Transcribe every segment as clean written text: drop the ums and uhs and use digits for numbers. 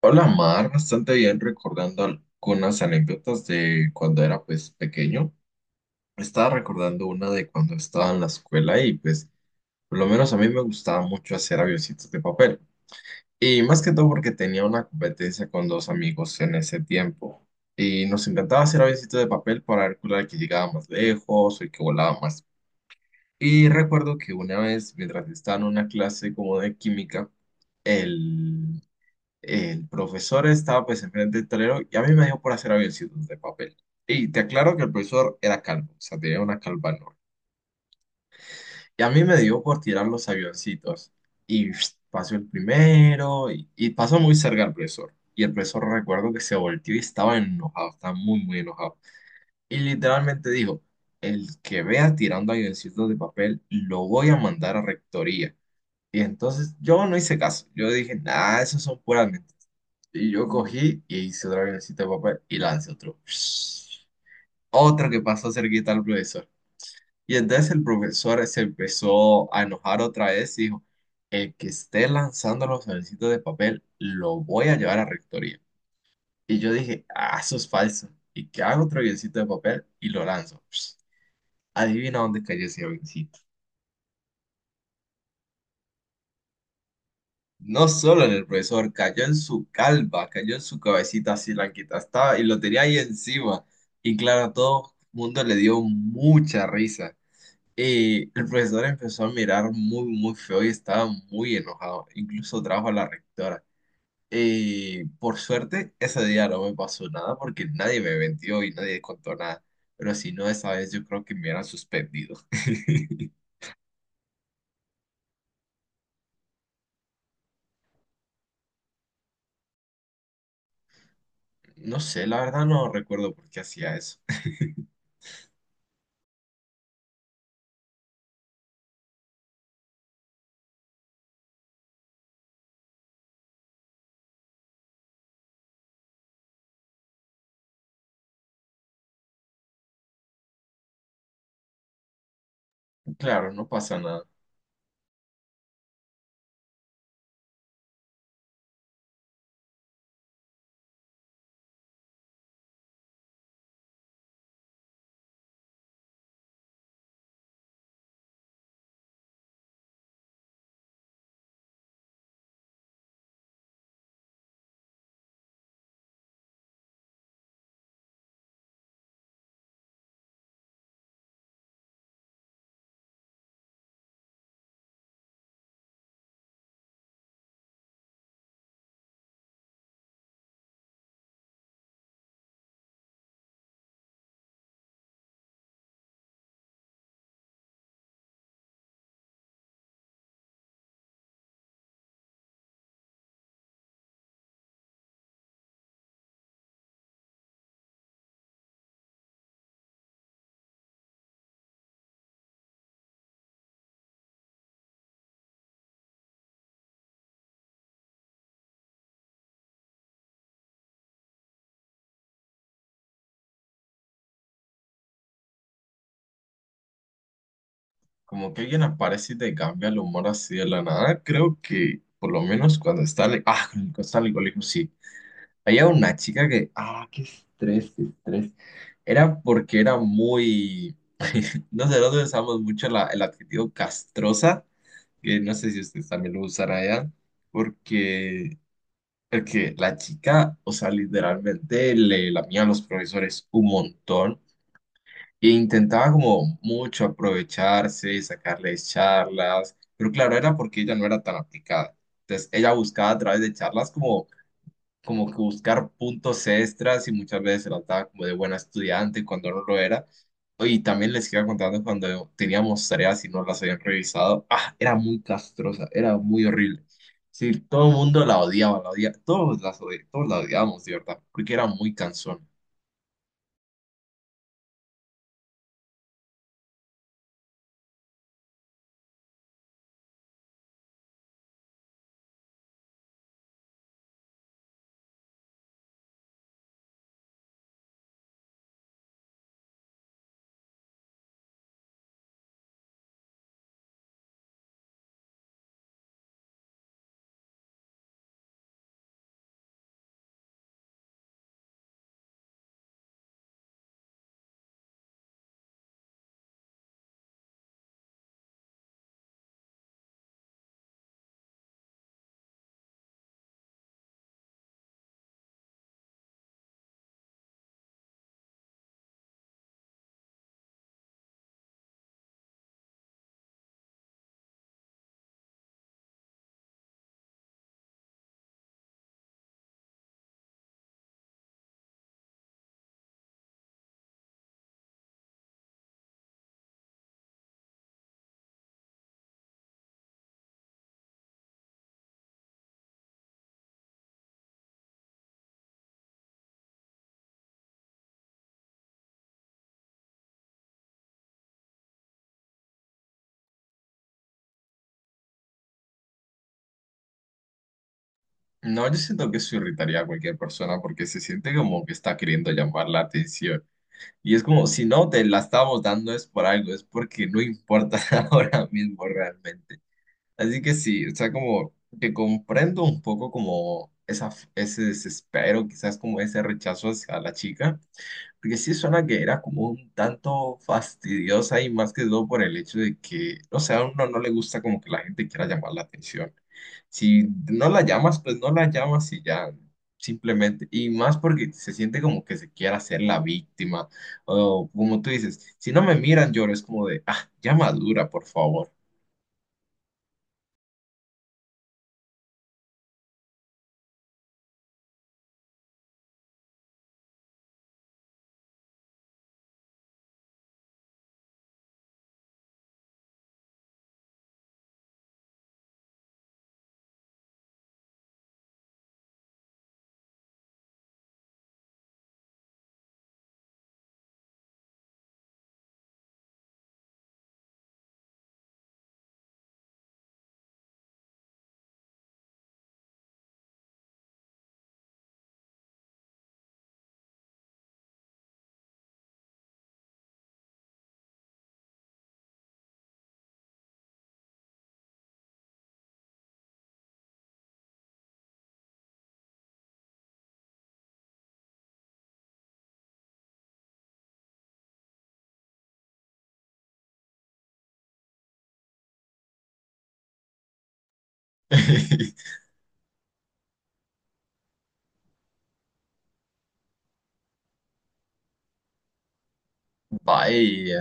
Hola Mar, bastante bien recordando algunas anécdotas de cuando era pues pequeño. Estaba recordando una de cuando estaba en la escuela y pues por lo menos a mí me gustaba mucho hacer avioncitos de papel. Y más que todo porque tenía una competencia con dos amigos en ese tiempo. Y nos encantaba hacer avioncitos de papel para ver cuál era el que llegaba más lejos o el que volaba más. Y recuerdo que una vez mientras estaba en una clase como de química, el el profesor estaba pues enfrente del tablero y a mí me dio por hacer avioncitos de papel. Y te aclaro que el profesor era calvo, o sea, tenía una calva enorme. Y a mí me dio por tirar los avioncitos. Y pasó el primero y pasó muy cerca el profesor. Y el profesor recuerdo que se volteó y estaba enojado, estaba muy, muy enojado. Y literalmente dijo, el que vea tirando avioncitos de papel, lo voy a mandar a rectoría. Y entonces yo no hice caso. Yo dije, nada, eso son puras mentiras. Y yo cogí y hice otra avioncito de papel y lancé otro. Otro que pasó cerquita al profesor. Y entonces el profesor se empezó a enojar otra vez y dijo, el que esté lanzando los avioncitos de papel, lo voy a llevar a rectoría. Y yo dije, ah, eso es falso. Y que hago otro avioncito de papel y lo lanzo. Adivina dónde cayó ese avioncito. No solo en el profesor, cayó en su calva, cayó en su cabecita así blanquita, estaba y lo tenía ahí encima. Y claro, a todo el mundo le dio mucha risa. Y el profesor empezó a mirar muy, muy feo y estaba muy enojado. Incluso trajo a la rectora. Y por suerte, ese día no me pasó nada porque nadie me vendió y nadie contó nada. Pero si no, esa vez yo creo que me hubieran suspendido. No sé, la verdad no recuerdo por qué hacía eso. Claro, no pasa nada. Como que alguien aparece y te cambia el humor así de la nada. Creo que, por lo menos cuando está en el- Ah, cuando está en el colegio, sí. Había una chica que... Ah, qué estrés, qué estrés. Era porque era muy... Nosotros usamos mucho la- el adjetivo castrosa, que no sé si ustedes también lo usarán allá, porque, porque la chica, o sea, literalmente le lamía a los profesores un montón. E intentaba como mucho aprovecharse, sacarles charlas, pero claro, era porque ella no era tan aplicada. Entonces, ella buscaba a través de charlas como, como que buscar puntos extras y muchas veces se la daba como de buena estudiante cuando no lo era. Y también les iba contando cuando teníamos tareas y no las habían revisado. Ah, era muy castrosa, era muy horrible. Sí, todo el mundo la odiaba, todos las odi- todos la odiábamos, de verdad, porque era muy cansona. No, yo siento que eso irritaría a cualquier persona porque se siente como que está queriendo llamar la atención. Y es como, si no te la estamos dando es por algo, es porque no importa ahora mismo realmente. Así que sí, o sea, como que comprendo un poco como esa, ese desespero, quizás como ese rechazo hacia la chica. Porque sí suena que era como un tanto fastidiosa y más que todo por el hecho de que, no sea, a uno no le gusta como que la gente quiera llamar la atención. Si no la llamas, pues no la llamas y ya, simplemente. Y más porque se siente como que se quiera hacer la víctima. O como tú dices, si no me miran, lloro, es como de, ah, ya madura, por favor. Vaya.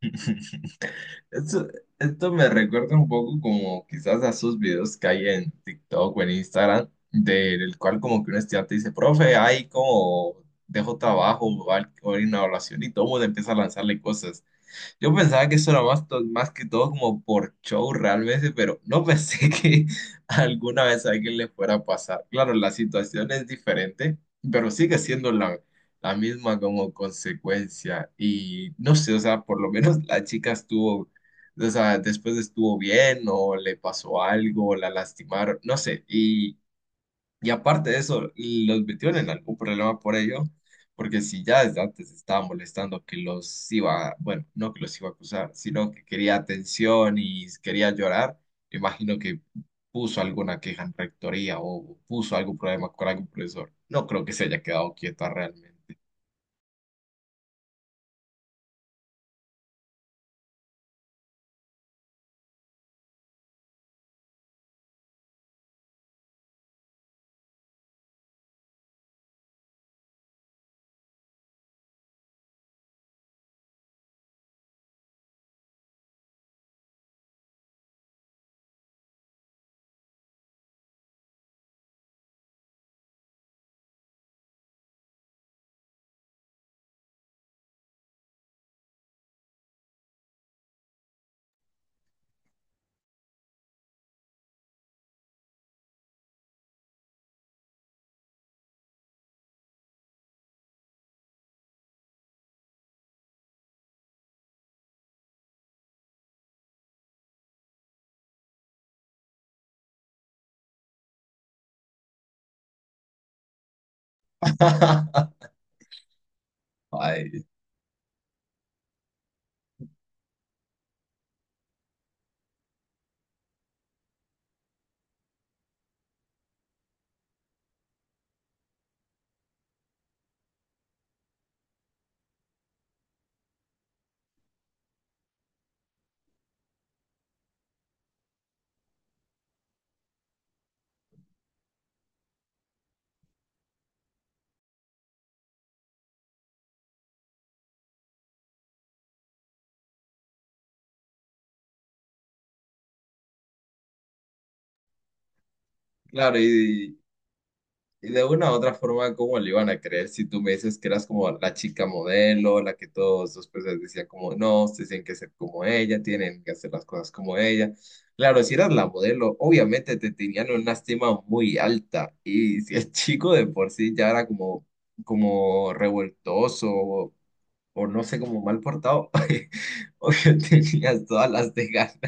Esto, esto me recuerda un poco como quizás a esos videos que hay en TikTok o en Instagram, del cual como que un estudiante dice, profe, ay, como dejo trabajo o al- o hay una evaluación y todo el mundo empieza a lanzarle cosas. Yo pensaba que eso era más, to- más que todo como por show realmente, pero no pensé que alguna vez a alguien le fuera a pasar. Claro, la situación es diferente, pero sigue siendo la misma como consecuencia. Y no sé, o sea, por lo menos la chica estuvo, o sea, después estuvo bien o le pasó algo, la lastimaron, no sé. Y aparte de eso, los metieron en algún problema por ello, porque si ya desde antes estaba molestando que los iba, bueno, no que los iba a acusar, sino que quería atención y quería llorar, imagino que puso alguna queja en rectoría o puso algún problema con algún profesor. No creo que se haya quedado quieta realmente. Ay, claro, y, y de una u otra forma, ¿cómo le iban a creer si tú me dices que eras como la chica modelo, la que todos los personas decían como, no, ustedes tienen que ser como ella, tienen que hacer las cosas como ella? Claro, si eras la modelo, obviamente te tenían una estima muy alta. Y si el chico de por sí ya era como, como revoltoso o no sé, como mal portado, obvio tenías todas las de ganas.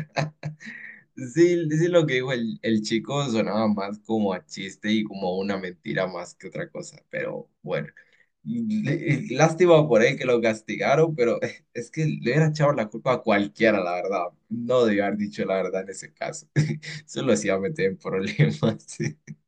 Sí, sí, lo que dijo el chico sonaba más como a chiste y como a una mentira más que otra cosa, pero bueno, L- lástima por él que lo castigaron, pero es que le hubiera echado la culpa a cualquiera, la verdad, no debió haber dicho la verdad en ese caso, eso lo hacía meter en problemas.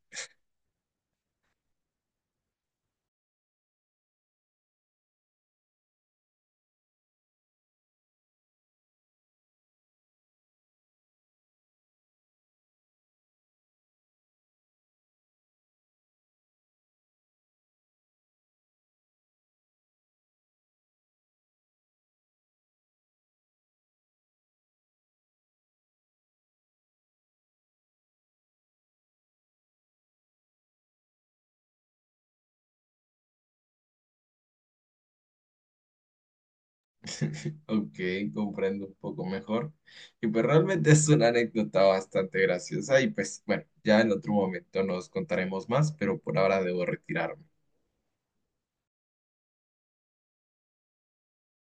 Ok, comprendo un poco mejor. Y pues realmente es una anécdota bastante graciosa y pues bueno, ya en otro momento nos contaremos más, pero por ahora debo retirarme.